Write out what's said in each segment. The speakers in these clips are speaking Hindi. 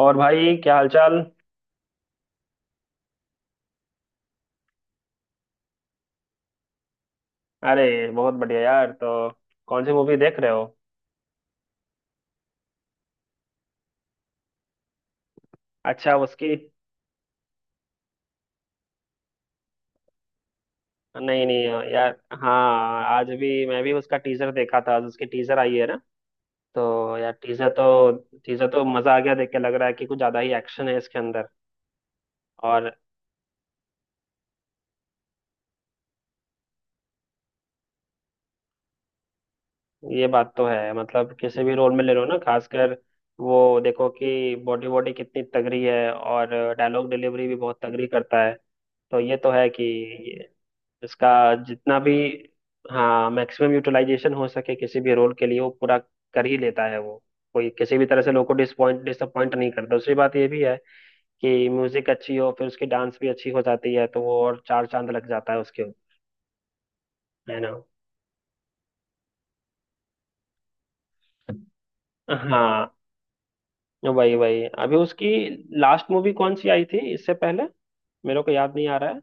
और भाई क्या हालचाल। अरे बहुत बढ़िया यार। तो कौन सी मूवी देख रहे हो? अच्छा, उसकी। नहीं नहीं यार। हाँ, आज भी मैं भी उसका टीजर देखा था, आज उसकी टीजर आई है ना। तो यार टीजर तो मजा आ गया देख के, लग रहा है कि कुछ ज्यादा ही एक्शन है इसके अंदर। और ये बात तो है, मतलब किसी भी रोल में ले लो ना, खासकर वो देखो कि बॉडी बॉडी कितनी तगड़ी है, और डायलॉग डिलीवरी भी बहुत तगड़ी करता है। तो ये तो है कि इसका जितना भी, हाँ, मैक्सिमम यूटिलाइजेशन हो सके किसी भी रोल के लिए, वो पूरा कर ही लेता है वो। कोई किसी भी तरह से लोगों को डिसपॉइंट डिसअपॉइंट नहीं करता। दूसरी बात ये भी है कि म्यूजिक अच्छी हो फिर उसकी डांस भी अच्छी हो जाती है, तो वो और चार चांद लग जाता है उसके ऊपर। है ना? हाँ। वही वही, अभी उसकी लास्ट मूवी कौन सी आई थी इससे पहले, मेरे को याद नहीं आ रहा है।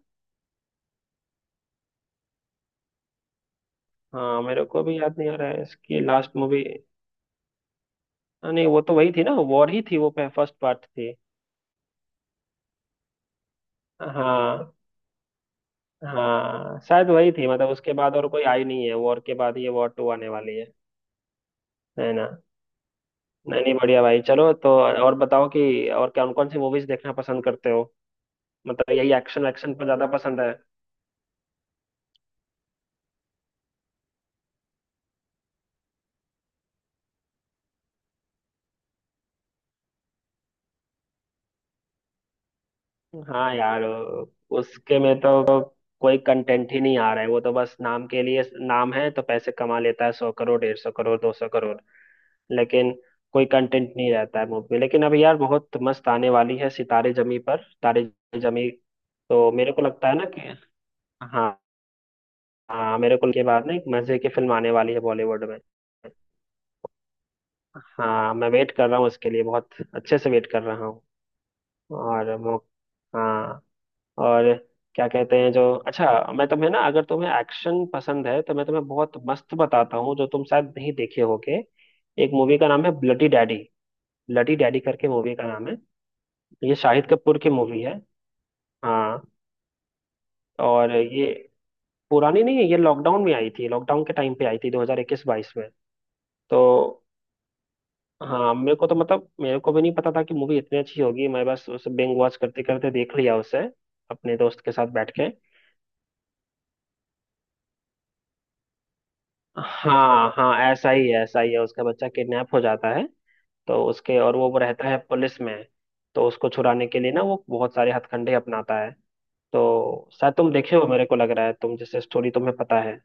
हाँ, मेरे को भी याद नहीं आ रहा है इसकी लास्ट मूवी। नहीं, वो तो वही थी ना, वॉर ही थी, वो फर्स्ट पार्ट थी। हाँ हाँ, शायद वही थी। मतलब उसके बाद और कोई आई नहीं है, वॉर के बाद ये वॉर टू आने वाली है। है ना? नहीं नहीं, बढ़िया भाई, चलो। तो और बताओ कि और कौन कौन सी मूवीज देखना पसंद करते हो? मतलब यही एक्शन एक्शन पर ज्यादा पसंद है। हाँ यार, उसके में तो कोई कंटेंट ही नहीं आ रहा है, वो तो बस नाम के लिए, नाम है तो पैसे कमा लेता है, 100 करोड़, 150 करोड़, 200 करोड़, लेकिन कोई कंटेंट नहीं रहता है मूवी में। लेकिन अभी यार बहुत मस्त आने वाली है, सितारे जमी पर, तारे जमी। तो मेरे को लगता है ना कि हाँ, हाँ मेरे को के बाद ना एक मजे की फिल्म आने वाली है बॉलीवुड में। हाँ, मैं वेट कर रहा हूँ उसके लिए, बहुत अच्छे से वेट कर रहा हूँ। और वो, हाँ, और क्या कहते हैं जो, अच्छा, मैं तुम्हें ना, अगर तुम्हें एक्शन पसंद है तो मैं तुम्हें बहुत मस्त बताता हूँ जो तुम शायद नहीं देखे होगे। एक मूवी का नाम है ब्लडी डैडी। ब्लडी डैडी करके मूवी का नाम है। ये शाहिद कपूर की मूवी है। हाँ, और ये पुरानी नहीं है, ये लॉकडाउन में आई थी, लॉकडाउन के टाइम पे आई थी, 2021-22 में। तो हाँ मेरे को तो, मतलब मेरे को भी नहीं पता था कि मूवी इतनी अच्छी होगी। मैं बस उसे बिंग वॉच करते करते देख लिया उसे, अपने दोस्त के साथ बैठ के। हाँ हाँ, ऐसा ही है, ऐसा ही है, उसका बच्चा किडनैप हो जाता है। तो उसके, और वो रहता है पुलिस में। तो उसको छुड़ाने के लिए ना वो बहुत सारे हथकंडे अपनाता है। तो शायद तुम देखे हो, मेरे को लग रहा है, तुम जैसे स्टोरी तुम्हें पता है।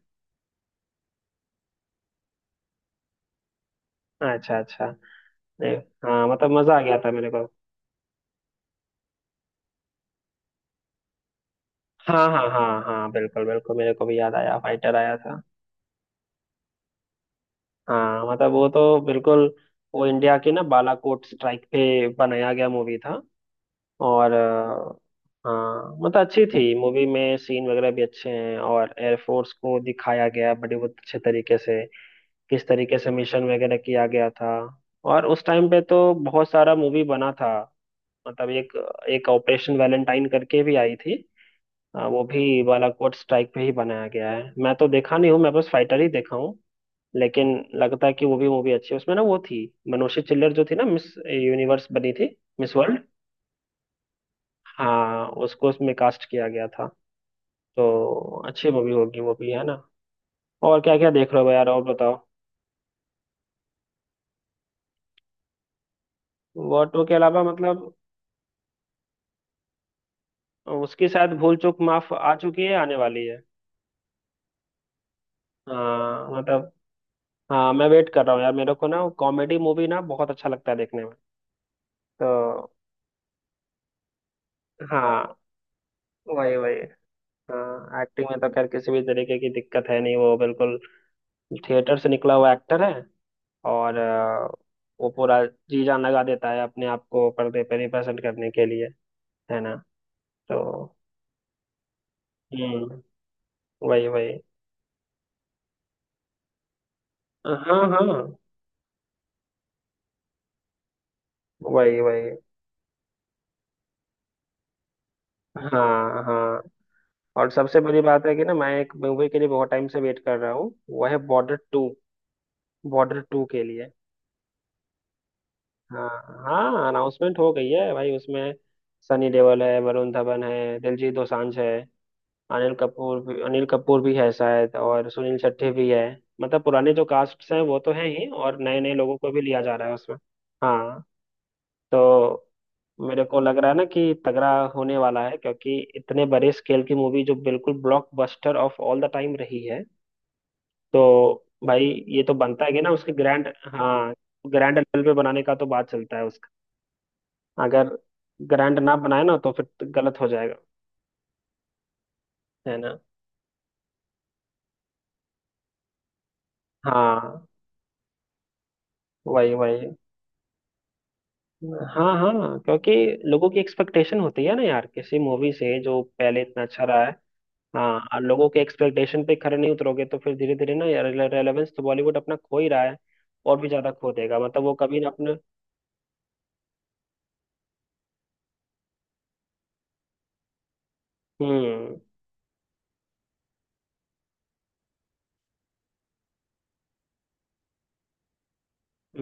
अच्छा अच्छा। नहीं, हाँ मतलब मजा आ गया था मेरे को। हाँ हाँ हाँ हाँ, बिल्कुल बिल्कुल, मेरे को भी याद आया फाइटर आया था। हाँ मतलब वो तो बिल्कुल, वो इंडिया के ना बालाकोट स्ट्राइक पे बनाया गया मूवी था। और अ, हाँ मतलब अच्छी थी मूवी में, सीन वगैरह भी अच्छे हैं, और एयरफोर्स को दिखाया गया है बड़े बहुत अच्छे तरीके से, किस तरीके से मिशन वगैरह किया गया था। और उस टाइम पे तो बहुत सारा मूवी बना था, मतलब एक एक ऑपरेशन वैलेंटाइन करके भी आई थी। वो भी बालाकोट स्ट्राइक पे ही बनाया गया है, मैं तो देखा नहीं हूँ, मैं बस फाइटर ही देखा। लेकिन लगता है कि वो भी मूवी अच्छी है। उसमें ना वो थी मनोषी चिल्लर, जो थी ना मिस यूनिवर्स बनी थी, मिस वर्ल्ड। हाँ उसको उसमें कास्ट किया गया था। तो अच्छी मूवी होगी वो भी, है ना। और क्या क्या देख रहे हो यार, और बताओ। वो टू के अलावा, मतलब उसकी शायद भूल चूक माफ आ चुकी है, आने वाली है। हाँ मतलब, हाँ मैं वेट कर रहा हूँ यार, मेरे को ना कॉमेडी मूवी ना बहुत अच्छा लगता है देखने में। तो हाँ, वही वही। हाँ, एक्टिंग में तो खैर किसी भी तरीके की दिक्कत है नहीं, वो बिल्कुल थिएटर से निकला हुआ एक्टर है। और अ, वो पूरा जी जान लगा देता है अपने आप को पर्दे पे रिप्रेजेंट करने के लिए। है ना? तो हम्म, वही वही, हाँ हाँ, वही वही। हाँ हाँ, और सबसे बड़ी बात है कि ना मैं एक मूवी के लिए बहुत टाइम से वेट कर रहा हूँ, वो है बॉर्डर टू। बॉर्डर टू के लिए, हाँ हाँ, अनाउंसमेंट हो गई है भाई उसमें। सनी देओल है, वरुण धवन है, दिलजीत दोसांझ है, अनिल कपूर भी है शायद, और सुनील शेट्टी भी है। मतलब पुराने जो कास्ट हैं वो तो हैं ही, और नए नए लोगों को भी लिया जा रहा है उसमें। हाँ, तो मेरे को लग रहा है ना कि तगड़ा होने वाला है, क्योंकि इतने बड़े स्केल की मूवी, जो बिल्कुल blockbuster of all the time रही है। तो भाई ये तो बनता है कि ना उसके ग्रैंड, हाँ, ग्रैंड लेवल पे बनाने का तो बात चलता है उसका। अगर ग्रैंड ना बनाए ना तो फिर गलत हो जाएगा। है ना? हाँ, वही वही। हाँ हाँ, क्योंकि लोगों की एक्सपेक्टेशन होती है ना यार, किसी मूवी से जो पहले इतना अच्छा रहा है। हाँ, और लोगों के एक्सपेक्टेशन पे खरे नहीं उतरोगे तो फिर धीरे धीरे ना यार, रेलेवेंस तो बॉलीवुड अपना खो ही रहा है, और भी ज्यादा खो देगा। मतलब वो कभी ना अपने, हम्म,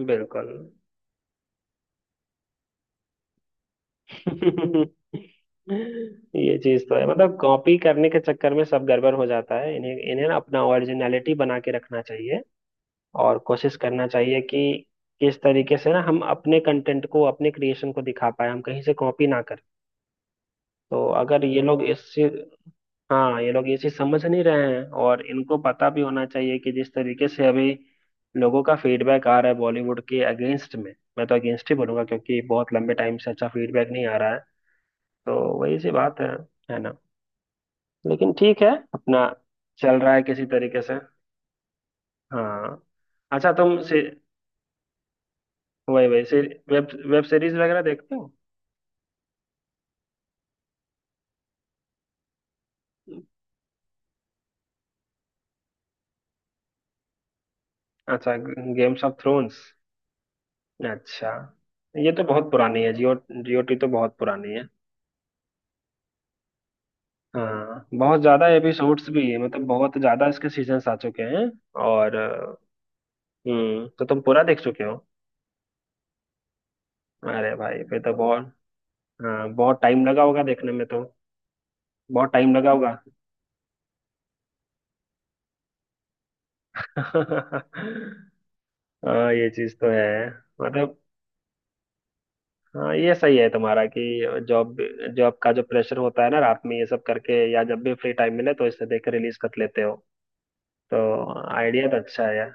बिल्कुल। ये चीज तो है, मतलब कॉपी करने के चक्कर में सब गड़बड़ हो जाता है। इन्हें इन्हें ना अपना ओरिजिनलिटी बना के रखना चाहिए, और कोशिश करना चाहिए कि किस तरीके से ना हम अपने कंटेंट को, अपने क्रिएशन को दिखा पाए, हम कहीं से कॉपी ना करें। तो अगर ये लोग इसी, हाँ ये लोग इसी समझ नहीं रहे हैं, और इनको पता भी होना चाहिए कि जिस तरीके से अभी लोगों का फीडबैक आ रहा है बॉलीवुड के अगेंस्ट में, मैं तो अगेंस्ट ही बोलूंगा क्योंकि बहुत लंबे टाइम से अच्छा फीडबैक नहीं आ रहा है। तो वही सी बात है। है ना? लेकिन ठीक है, अपना चल रहा है किसी तरीके से। हाँ, अच्छा तुम से, वही वही से, वेब वेब सीरीज वगैरह देखते हो? अच्छा, गेम्स ऑफ थ्रोन्स। अच्छा, ये तो बहुत पुरानी है जियो, जीओटी तो बहुत पुरानी है। हाँ, बहुत ज्यादा एपिसोड्स भी है, मतलब बहुत ज्यादा इसके सीजन्स आ चुके हैं। और अ, हम्म, तो तुम पूरा देख चुके हो? अरे भाई फिर तो बहुत, हाँ, बहुत टाइम लगा होगा देखने में तो, बहुत टाइम लगा होगा। हाँ ये चीज तो है। मतलब हाँ ये सही है तुम्हारा कि जॉब, जॉब का जो प्रेशर होता है ना, रात में ये सब करके या जब भी फ्री टाइम मिले तो इसे देख के रिलीज कर लेते हो। तो आइडिया तो अच्छा है यार।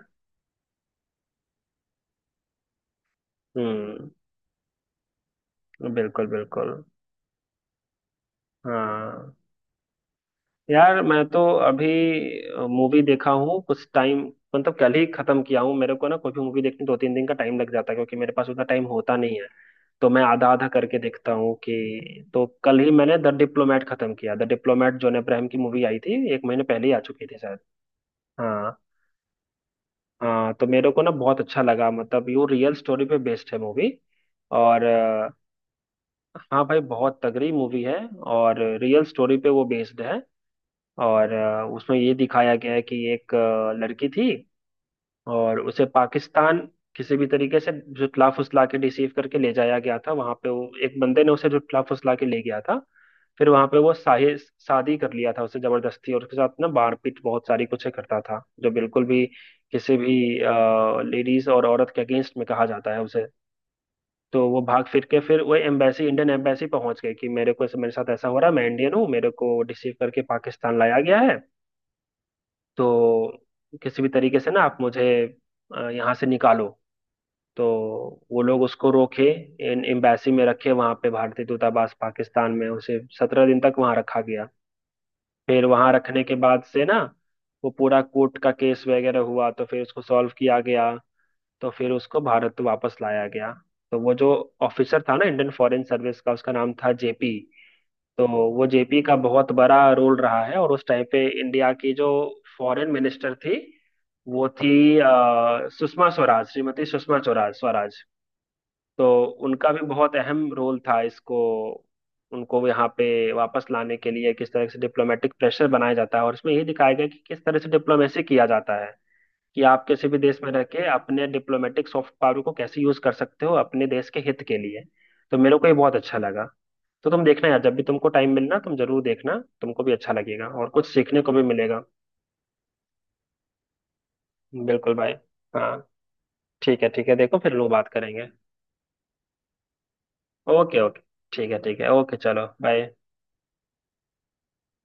हम्म, बिल्कुल बिल्कुल। हाँ यार, मैं तो अभी मूवी देखा हूँ कुछ टाइम, मतलब कल ही खत्म किया हूँ। मेरे को ना कोई भी मूवी देखने दो तीन दिन का टाइम लग जाता है, क्योंकि मेरे पास उतना टाइम होता नहीं है। तो मैं आधा आधा करके देखता हूँ कि, तो कल ही मैंने द डिप्लोमेट खत्म किया। द डिप्लोमेट, जॉन अब्राहम की मूवी, आई थी एक महीने पहले ही, आ चुकी थी शायद। हाँ हाँ, तो मेरे को ना बहुत अच्छा लगा, मतलब यू रियल स्टोरी पे बेस्ड है मूवी। और हाँ भाई, बहुत तगड़ी मूवी है, और रियल स्टोरी पे वो बेस्ड है। उसमें ये दिखाया गया है कि एक लड़की थी और उसे पाकिस्तान किसी भी तरीके से जुटला फुसला के रिसीव करके ले जाया गया था। वहां पे वो एक बंदे ने उसे जुटला फुसला के ले गया था। फिर वहां पे वो शाही शादी कर लिया था उसे जबरदस्ती, और उसके साथ ना मारपीट बहुत सारी कुछ करता था, जो बिल्कुल भी किसी भी लेडीज और औरत के अगेंस्ट में कहा जाता है उसे। तो वो भाग फिर के, फिर वो एम्बेसी, इंडियन एम्बेसी पहुंच गए कि मेरे को, मेरे साथ ऐसा हो रहा है, मैं इंडियन हूँ, मेरे को रिसीव करके पाकिस्तान लाया गया है। तो किसी भी तरीके से ना आप मुझे यहाँ से निकालो। तो वो लोग उसको रोके इन एम्बेसी में, रखे वहां पे, भारतीय दूतावास पाकिस्तान में, उसे 17 दिन तक वहां रखा गया। फिर वहां रखने के बाद से ना वो पूरा कोर्ट का केस वगैरह हुआ, तो फिर उसको सॉल्व किया गया, तो फिर उसको भारत वापस लाया गया। तो वो जो ऑफिसर था ना, इंडियन फॉरेन सर्विस का, उसका नाम था जेपी। तो वो जेपी का बहुत बड़ा रोल रहा है। और उस टाइम पे इंडिया की जो फॉरेन मिनिस्टर थी वो थी सुषमा स्वराज, श्रीमती सुषमा स्वराज स्वराज। तो उनका भी बहुत अहम रोल था, इसको, उनको यहाँ पे वापस लाने के लिए। किस तरह से डिप्लोमेटिक प्रेशर बनाया जाता है और इसमें ये दिखाया गया कि किस तरह से डिप्लोमेसी किया जाता है, कि आप किसी भी देश में रह के अपने डिप्लोमेटिक सॉफ्ट पावर को कैसे यूज कर सकते हो अपने देश के हित के लिए। तो मेरे को ये बहुत अच्छा लगा। तो तुम देखना यार, जब भी तुमको टाइम मिलना तुम जरूर देखना, तुमको भी अच्छा लगेगा और कुछ सीखने को भी मिलेगा। बिल्कुल भाई। हाँ, ठीक है ठीक है, देखो, फिर लोग बात करेंगे। ओके ओके, ठीक है ठीक है, ओके चलो, बाय।